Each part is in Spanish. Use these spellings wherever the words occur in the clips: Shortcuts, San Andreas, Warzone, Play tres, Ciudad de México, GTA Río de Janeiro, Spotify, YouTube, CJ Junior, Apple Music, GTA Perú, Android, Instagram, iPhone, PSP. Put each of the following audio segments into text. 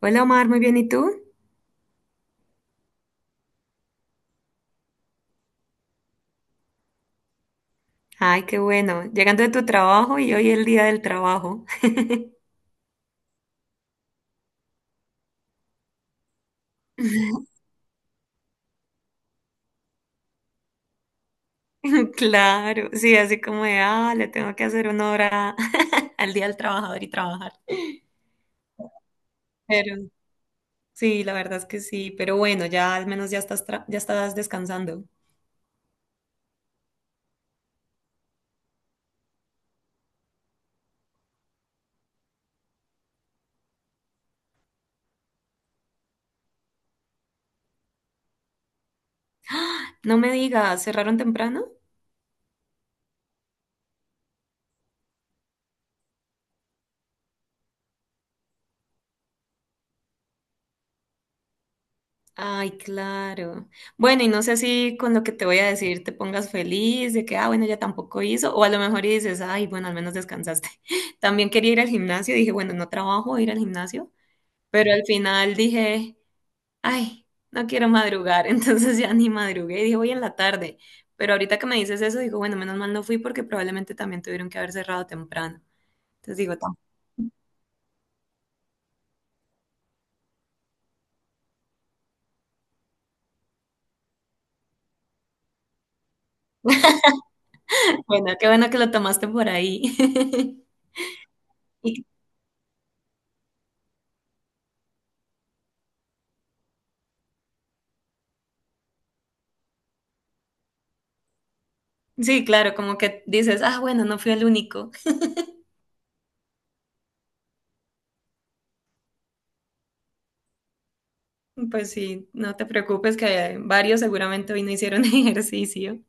Hola Omar, muy bien, ¿y tú? Ay, qué bueno. Llegando de tu trabajo y hoy el día del trabajo. Claro, sí, así como de, ah, le tengo que hacer una hora al día del trabajador y trabajar. Pero sí, la verdad es que sí, pero bueno, ya al menos ya estás, ya estás descansando. No me digas, ¿cerraron temprano? Ay, claro. Bueno, y no sé si con lo que te voy a decir te pongas feliz de que, ah, bueno, ya tampoco hizo, o a lo mejor y dices, ay, bueno, al menos descansaste. También quería ir al gimnasio, dije, bueno, no trabajo, voy a ir al gimnasio, pero al final dije, ay, no quiero madrugar, entonces ya ni madrugué, dije, voy en la tarde. Pero ahorita que me dices eso, digo, bueno, menos mal no fui porque probablemente también tuvieron que haber cerrado temprano. Entonces digo, "Tam- bueno, qué bueno que lo tomaste por ahí. Y sí, claro, como que dices, ah, bueno, no fui el único. Pues sí, no te preocupes que varios seguramente hoy no hicieron ejercicio.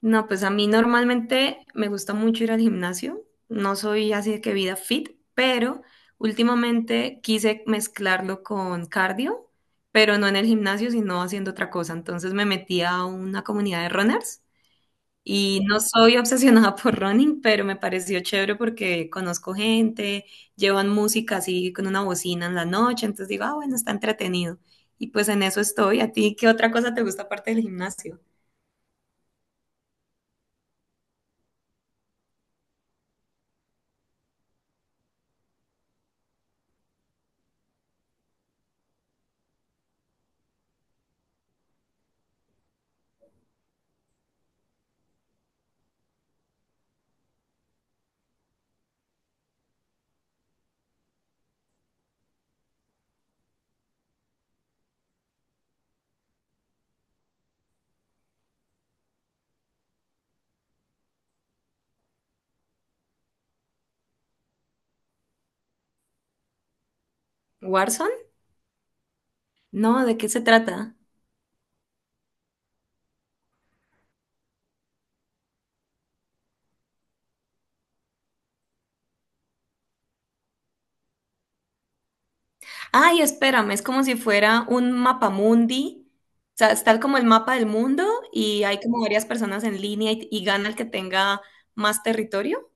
No, pues a mí normalmente me gusta mucho ir al gimnasio. No soy así de que vida fit, pero últimamente quise mezclarlo con cardio, pero no en el gimnasio, sino haciendo otra cosa. Entonces me metí a una comunidad de runners. Y no soy obsesionada por running, pero me pareció chévere porque conozco gente, llevan música así con una bocina en la noche, entonces digo, ah, bueno, está entretenido. Y pues en eso estoy. ¿A ti qué otra cosa te gusta aparte del gimnasio? ¿Warzone? No, ¿de qué se trata? Ay, espérame, es como si fuera un mapamundi. O sea, está como el mapa del mundo y hay como varias personas en línea y gana el que tenga más territorio.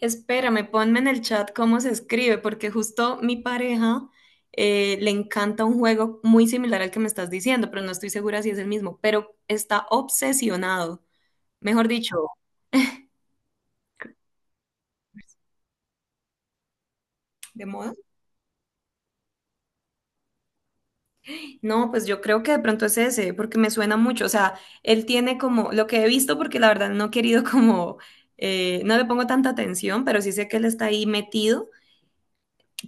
Espérame, ponme en el chat cómo se escribe, porque justo mi pareja le encanta un juego muy similar al que me estás diciendo, pero no estoy segura si es el mismo, pero está obsesionado, mejor dicho, ¿de moda? No, pues yo creo que de pronto es ese, porque me suena mucho, o sea, él tiene como lo que he visto, porque la verdad no he querido como, no le pongo tanta atención, pero sí sé que él está ahí metido.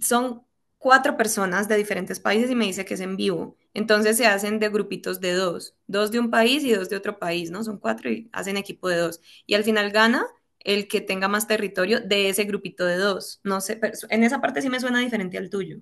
Son cuatro personas de diferentes países y me dice que es en vivo. Entonces se hacen de grupitos de dos, dos de un país y dos de otro país, ¿no? Son cuatro y hacen equipo de dos. Y al final gana el que tenga más territorio de ese grupito de dos. No sé, pero en esa parte sí me suena diferente al tuyo.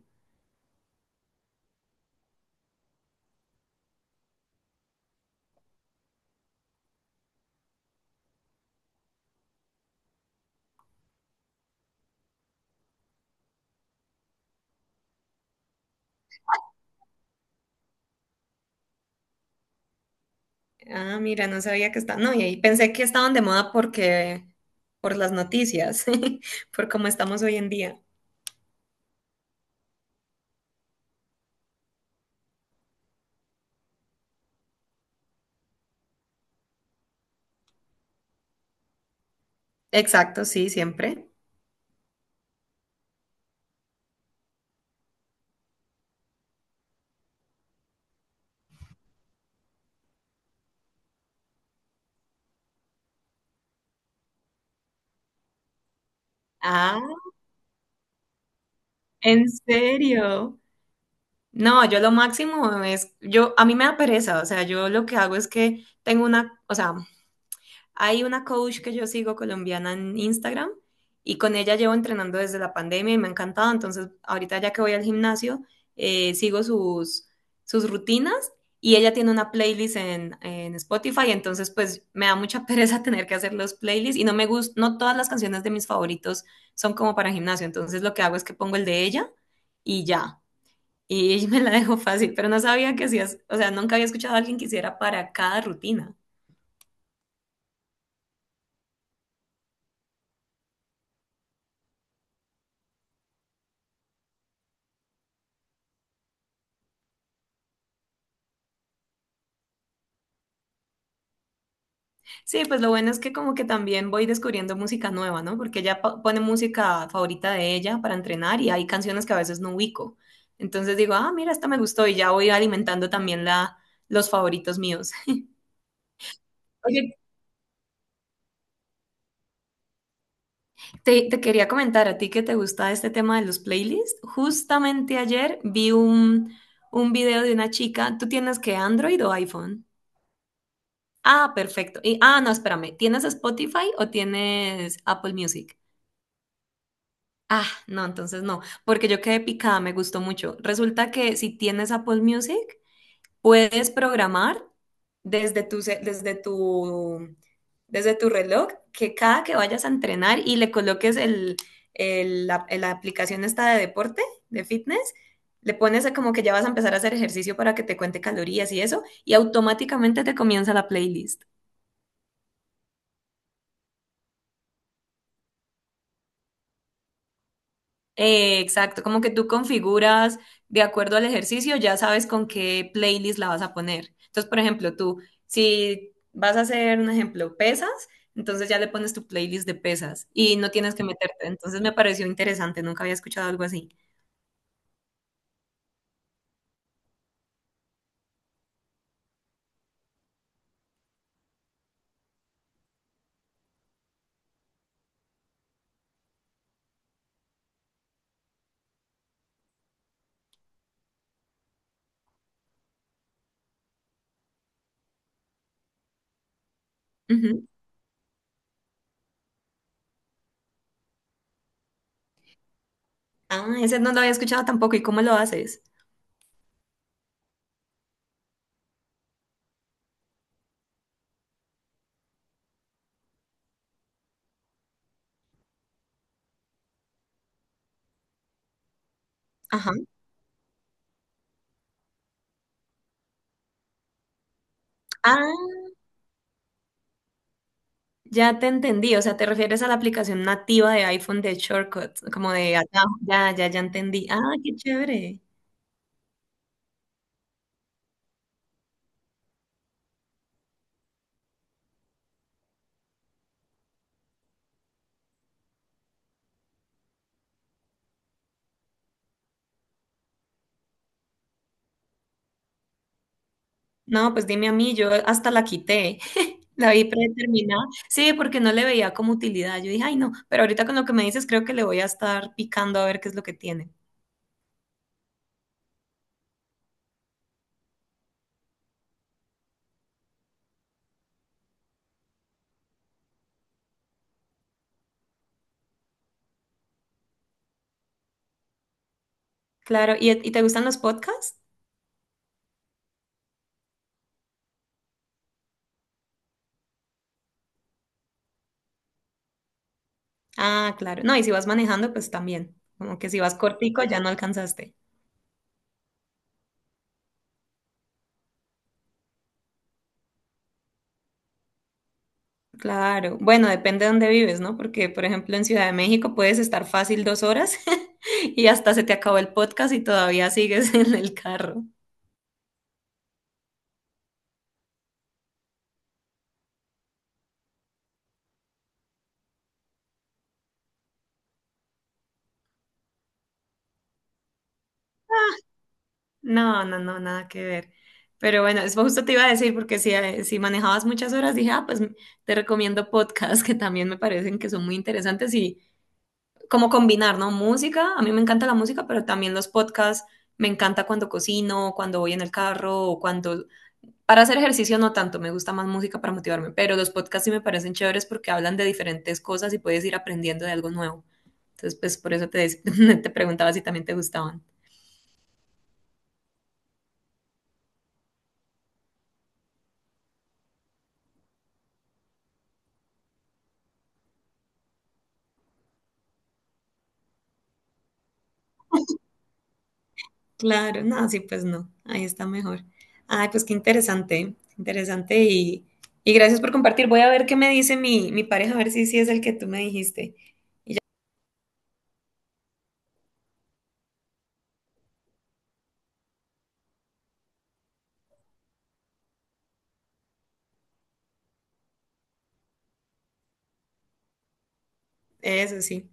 Ah, mira, no sabía que está. No, y ahí pensé que estaban de moda porque por las noticias, por cómo estamos hoy en día. Exacto, sí, siempre. Ah, ¿en serio? No, yo lo máximo es, yo, a mí me da pereza, o sea, yo lo que hago es que tengo una, o sea, hay una coach que yo sigo colombiana en Instagram y con ella llevo entrenando desde la pandemia y me ha encantado, entonces ahorita ya que voy al gimnasio, sigo sus, sus rutinas y ella tiene una playlist en Spotify, entonces pues me da mucha pereza tener que hacer los playlists y no me gusta, no todas las canciones de mis favoritos son como para gimnasio, entonces lo que hago es que pongo el de ella y ya. Y me la dejó fácil, pero no sabía que hacías, o sea, nunca había escuchado a alguien que hiciera para cada rutina. Sí, pues lo bueno es que como que también voy descubriendo música nueva, ¿no? Porque ella pone música favorita de ella para entrenar y hay canciones que a veces no ubico. Entonces digo, ah, mira, esta me gustó y ya voy alimentando también la, los favoritos míos. Oye, te quería comentar a ti que te gusta este tema de los playlists. Justamente ayer vi un video de una chica. ¿Tú tienes que Android o iPhone? Ah, perfecto. Y, ah, no, espérame. ¿Tienes Spotify o tienes Apple Music? Ah, no, entonces no, porque yo quedé picada, me gustó mucho. Resulta que si tienes Apple Music, puedes programar desde tu, desde tu, desde tu reloj que cada que vayas a entrenar y le coloques la aplicación esta de deporte, de fitness, le pones a como que ya vas a empezar a hacer ejercicio para que te cuente calorías y eso, y automáticamente te comienza la playlist. Exacto, como que tú configuras de acuerdo al ejercicio, ya sabes con qué playlist la vas a poner. Entonces, por ejemplo, tú, si vas a hacer un ejemplo, pesas, entonces ya le pones tu playlist de pesas y no tienes que meterte. Entonces me pareció interesante, nunca había escuchado algo así. Ujú. Ah, ese no lo había escuchado tampoco. ¿Y cómo lo haces? Ajá. Ah, ya te entendí. O sea, te refieres a la aplicación nativa de iPhone de Shortcuts, como de atajo. Ya, ya, ya entendí. Ah, qué chévere. No, pues dime a mí, yo hasta la quité. La vi predeterminada. Sí, porque no le veía como utilidad. Yo dije, ay, no, pero ahorita con lo que me dices, creo que le voy a estar picando a ver qué es lo que tiene. Claro, y te gustan los podcasts? Ah, claro. No, y si vas manejando, pues también. Como que si vas cortico, ya no alcanzaste. Claro. Bueno, depende de dónde vives, ¿no? Porque, por ejemplo, en Ciudad de México puedes estar fácil 2 horas y hasta se te acabó el podcast y todavía sigues en el carro. No, no, no, nada que ver. Pero bueno, eso justo te iba a decir, porque si, si manejabas muchas horas, dije, ah, pues te recomiendo podcasts que también me parecen que son muy interesantes y como combinar, ¿no? Música, a mí me encanta la música, pero también los podcasts, me encanta cuando cocino, cuando voy en el carro o cuando... Para hacer ejercicio no tanto, me gusta más música para motivarme, pero los podcasts sí me parecen chéveres porque hablan de diferentes cosas y puedes ir aprendiendo de algo nuevo. Entonces, pues por eso te, te preguntaba si también te gustaban. Claro, no, sí, pues no, ahí está mejor. Ay, pues qué interesante, interesante y gracias por compartir. Voy a ver qué me dice mi, mi pareja, a ver si sí es el que tú me dijiste. Eso sí.